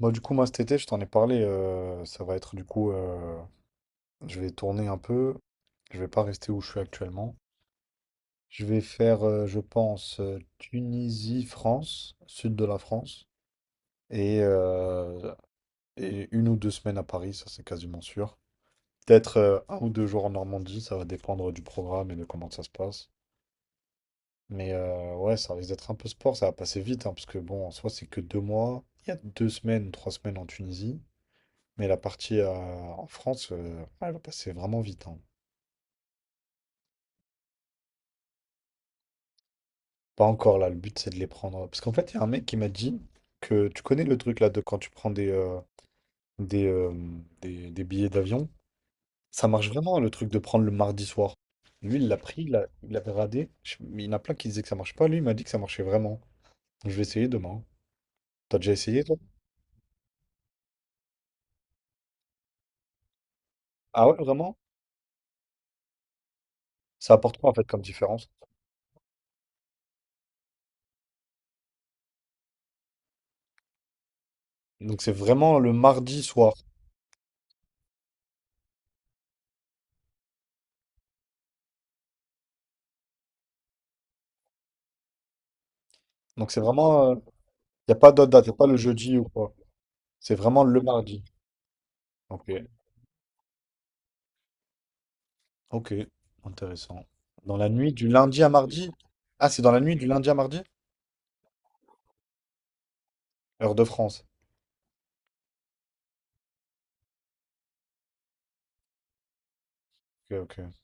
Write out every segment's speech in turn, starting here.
Moi, du coup, moi, cet été, je t'en ai parlé. Ça va être, du coup, je vais tourner un peu. Je vais pas rester où je suis actuellement. Je vais faire, je pense, Tunisie, France, sud de la France, et, euh, et une ou deux semaines à Paris, ça c'est quasiment sûr. Peut-être un ou deux jours en Normandie, ça va dépendre du programme et de comment ça se passe. Mais ouais, ça risque d'être un peu sport, ça va passer vite, hein, parce que bon, en soi, c'est que deux mois. Il y a deux semaines, trois semaines en Tunisie. Mais la partie en France, ah, elle va passer vraiment vite, hein. Pas encore là, le but c'est de les prendre, hein. Parce qu'en fait, il y a un mec qui m'a dit que tu connais le truc là de quand tu prends des, euh, des billets d'avion. Ça marche vraiment le truc de prendre le mardi soir. Lui, il l'a pris, il l'avait radé. Mais il y en a plein qui disaient que ça marche pas. Lui, il m'a dit que ça marchait vraiment. Donc, je vais essayer demain. T'as déjà essayé toi? Ah ouais, vraiment? Ça apporte quoi en fait comme différence? Donc c'est vraiment le mardi soir. Donc c'est vraiment. Il n'y a pas d'autre date, y a pas le jeudi ou quoi. C'est vraiment le mardi. Ok, ok, intéressant. Dans la nuit du lundi à mardi? Ah, c'est dans la nuit du lundi à mardi? Heure de France. Ok, ok.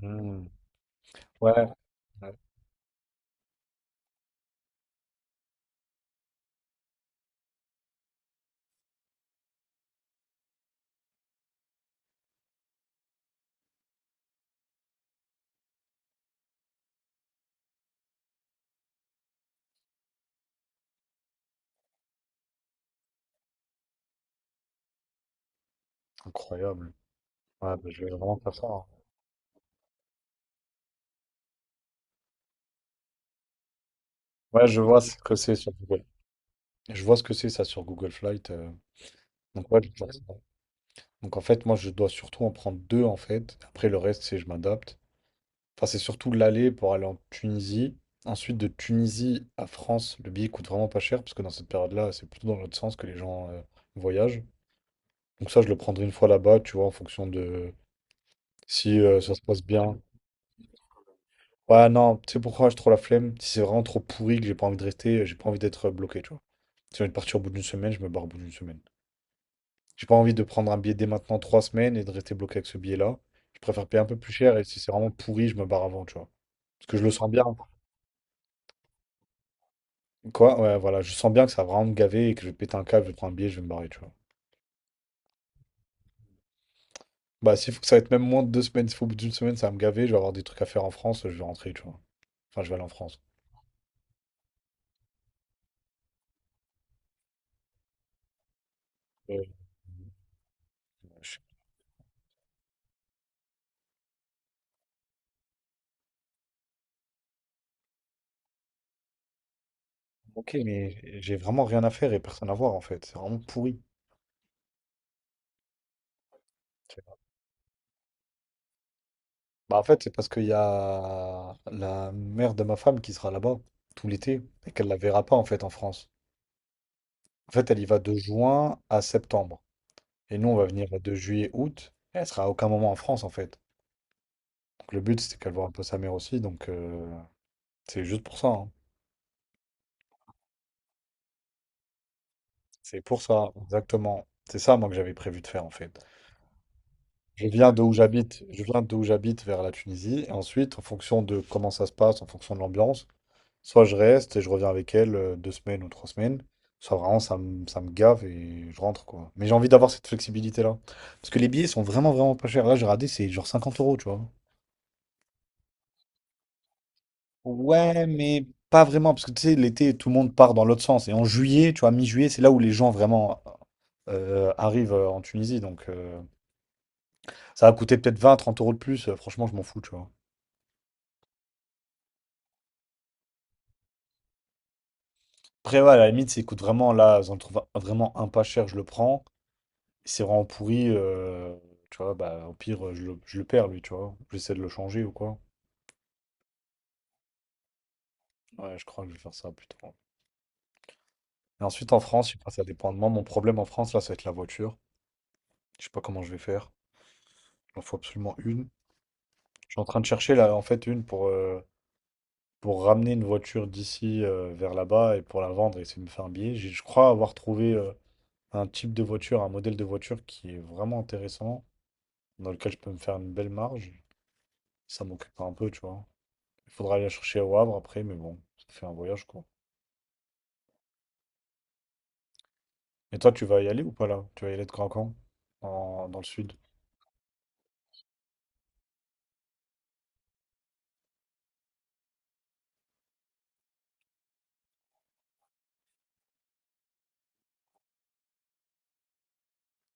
Hmm. Ouais, ouais. Incroyable. Ouais, bah, je vais vraiment faire ça, hein. Ouais, je vois ce que c'est sur Google. Je vois ce que c'est ça sur Google Flight. Donc ouais, je vais faire ça. Donc en fait, moi, je dois surtout en prendre deux en fait. Après le reste, c'est je m'adapte. Enfin, c'est surtout l'aller pour aller en Tunisie. Ensuite, de Tunisie à France, le billet coûte vraiment pas cher parce que dans cette période-là, c'est plutôt dans l'autre sens que les gens voyagent. Donc ça, je le prendrai une fois là-bas, tu vois, en fonction de si ça se passe bien. Ouais, non, tu sais pourquoi j'ai trop la flemme? Si c'est vraiment trop pourri que j'ai pas envie de rester, j'ai pas envie d'être bloqué, tu vois. Si j'ai envie de partir au bout d'une semaine, je me barre au bout d'une semaine. J'ai pas envie de prendre un billet dès maintenant trois semaines et de rester bloqué avec ce billet-là. Je préfère payer un peu plus cher et si c'est vraiment pourri, je me barre avant, tu vois. Parce que je le sens bien. Quoi? Ouais, voilà, je sens bien que ça va vraiment me gaver et que je vais péter un câble, je vais prendre un billet, je vais me barrer, tu vois. Bah, s'il faut que ça va être même moins de deux semaines, s'il faut au bout d'une semaine, ça va me gaver, je vais avoir des trucs à faire en France, je vais rentrer, tu vois. Enfin, je vais aller en France. Euh, je- Ok, mais j'ai vraiment rien à faire et personne à voir en fait. C'est vraiment pourri. C'est- Bah, en fait, c'est parce qu'il y a la mère de ma femme qui sera là-bas tout l'été et qu'elle la verra pas en fait en France. En fait, elle y va de juin à septembre. Et nous, on va venir de juillet, août. Et elle sera à aucun moment en France en fait. Donc, le but, c'est qu'elle voit un peu sa mère aussi. Donc, c'est juste pour ça, hein. C'est pour ça, exactement. C'est ça, moi, que j'avais prévu de faire en fait. Je viens de où j'habite. Je viens d'où j'habite vers la Tunisie. Et ensuite, en fonction de comment ça se passe, en fonction de l'ambiance. Soit je reste et je reviens avec elle deux semaines ou trois semaines, soit vraiment ça me gave et je rentre quoi. Mais j'ai envie d'avoir cette flexibilité-là. Parce que les billets sont vraiment vraiment pas chers. Là j'ai regardé, c'est genre 50 euros, tu vois. Ouais, mais pas vraiment, parce que tu sais, l'été, tout le monde part dans l'autre sens. Et en juillet, tu vois, mi-juillet, c'est là où les gens vraiment arrivent en Tunisie. Donc ça va coûter peut-être 20, 30 euros de plus. Franchement, je m'en fous, tu vois. Après, ouais, à la limite, s'il coûte vraiment là, j'en trouve vraiment un pas cher, je le prends. C'est vraiment pourri, tu vois, bah au pire, je le perds, lui, tu vois. J'essaie de le changer ou quoi. Ouais, je crois que je vais faire ça plutôt. Et ensuite, en France, je sais pas, ça dépend de moi. Mon problème en France, là, ça va être la voiture. Je sais pas comment je vais faire. Il en faut absolument une. Je suis en train de chercher, là, en fait, une pour ramener une voiture d'ici vers là-bas et pour la vendre et essayer de me faire un billet. Je crois avoir trouvé un type de voiture, un modèle de voiture qui est vraiment intéressant, dans lequel je peux me faire une belle marge. Ça m'occupe un peu, tu vois. Il faudra aller la chercher au Havre après, mais bon, ça fait un voyage quoi. Et toi, tu vas y aller ou pas là? Tu vas y aller de quand à quand? Dans le sud?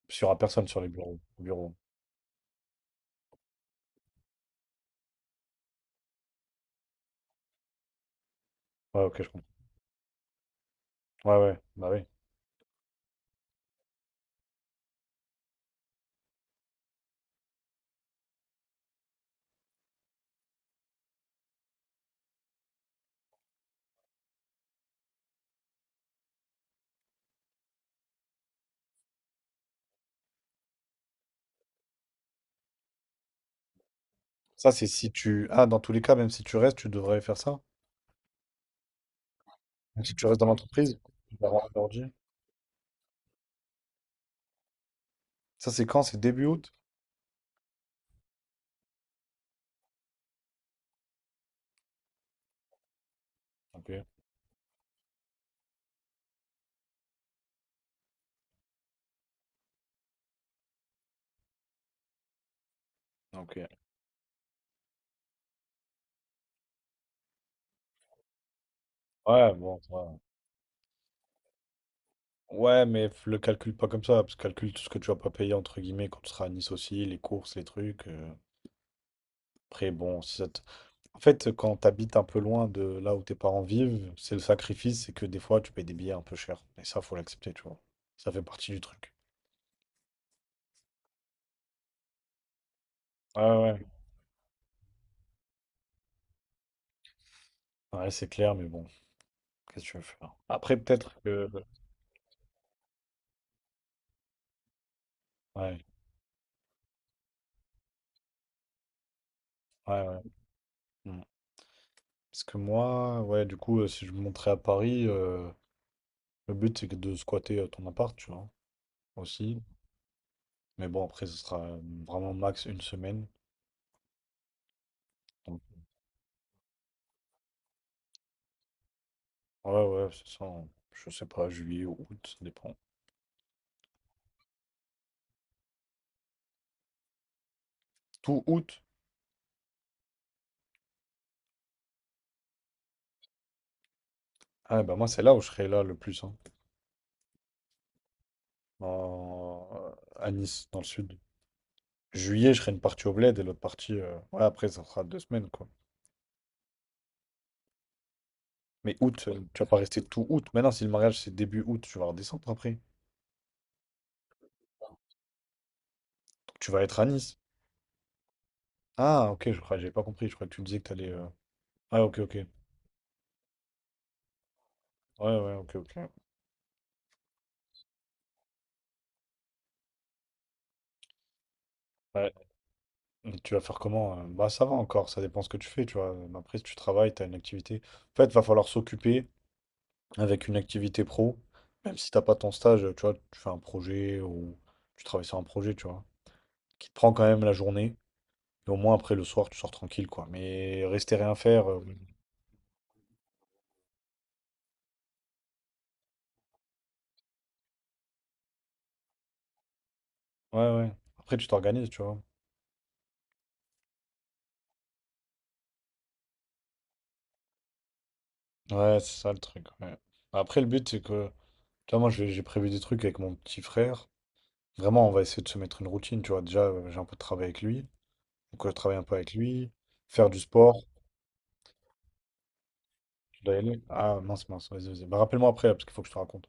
Parce qu'il y aura personne sur les bureaux. Au bureau. Ouais, ok, je comprends. Ouais, ouais, bah oui. Ça, c'est si tu. Ah, dans tous les cas, même si tu restes, tu devrais faire ça. Si tu restes dans l'entreprise, tu vas avoir un ordi. Ça, c'est quand? C'est début août? Ok, ok. Ouais, bon, ça va. Ouais, mais le calcule pas comme ça, parce que calcule tout ce que tu vas pas payer, entre guillemets, quand tu seras à Nice aussi, les courses, les trucs. Après, bon, si ça te- En fait, quand tu habites un peu loin de là où tes parents vivent, c'est le sacrifice, c'est que des fois, tu payes des billets un peu chers. Et ça, faut l'accepter, tu vois. Ça fait partie du truc. Ouais, ouais. Ouais, c'est clair, mais bon, qu'est-ce que tu veux faire? Après, peut-être que. Ouais, ouais, ouais. Mm. Parce que moi, ouais, du coup, si je me montrais à Paris, le but, c'est que de squatter ton appart, tu vois, aussi. Mais bon, après, ce sera vraiment max une semaine. Donc, ouais, ouais, c'est ça, hein. Je sais pas, juillet ou août, ça dépend. Tout août? Ah, bah moi, c'est là où je serai là le plus, hein. en- à Nice, dans le sud. Juillet, je serai une partie au Bled et l'autre partie, ouais, après, ça sera deux semaines, quoi. Mais août, tu vas pas rester tout août. Maintenant, si le mariage, c'est début août, tu vas redescendre après. Donc, tu vas être à Nice. Ah, ok, je crois, j'avais pas compris. Je crois que tu me disais que t'allais. Allais Ah, ok, ok. Ouais, ouais, ok, ok. Ouais. Et tu vas faire comment? Bah, ça va encore, ça dépend ce que tu fais, tu vois. Mais après, si tu travailles, t'as une activité. En fait, va falloir s'occuper avec une activité pro. Même si t'as pas ton stage, tu vois, tu fais un projet ou tu travailles sur un projet, tu vois. Qui te prend quand même la journée. Et au moins, après, le soir, tu sors tranquille, quoi. Mais rester rien faire, ouais, ouais. Après, tu t'organises, tu vois. Ouais, c'est ça le truc, ouais. Après, le but, c'est que, tu vois, moi, j'ai prévu des trucs avec mon petit frère. Vraiment, on va essayer de se mettre une routine, tu vois. Déjà, j'ai un peu de travail avec lui. Donc, je travaille un peu avec lui. Faire du sport. Je dois y aller. Ah, mince, mince, vas-y, vas-y. Bah, rappelle-moi après, là, parce qu'il faut que je te raconte.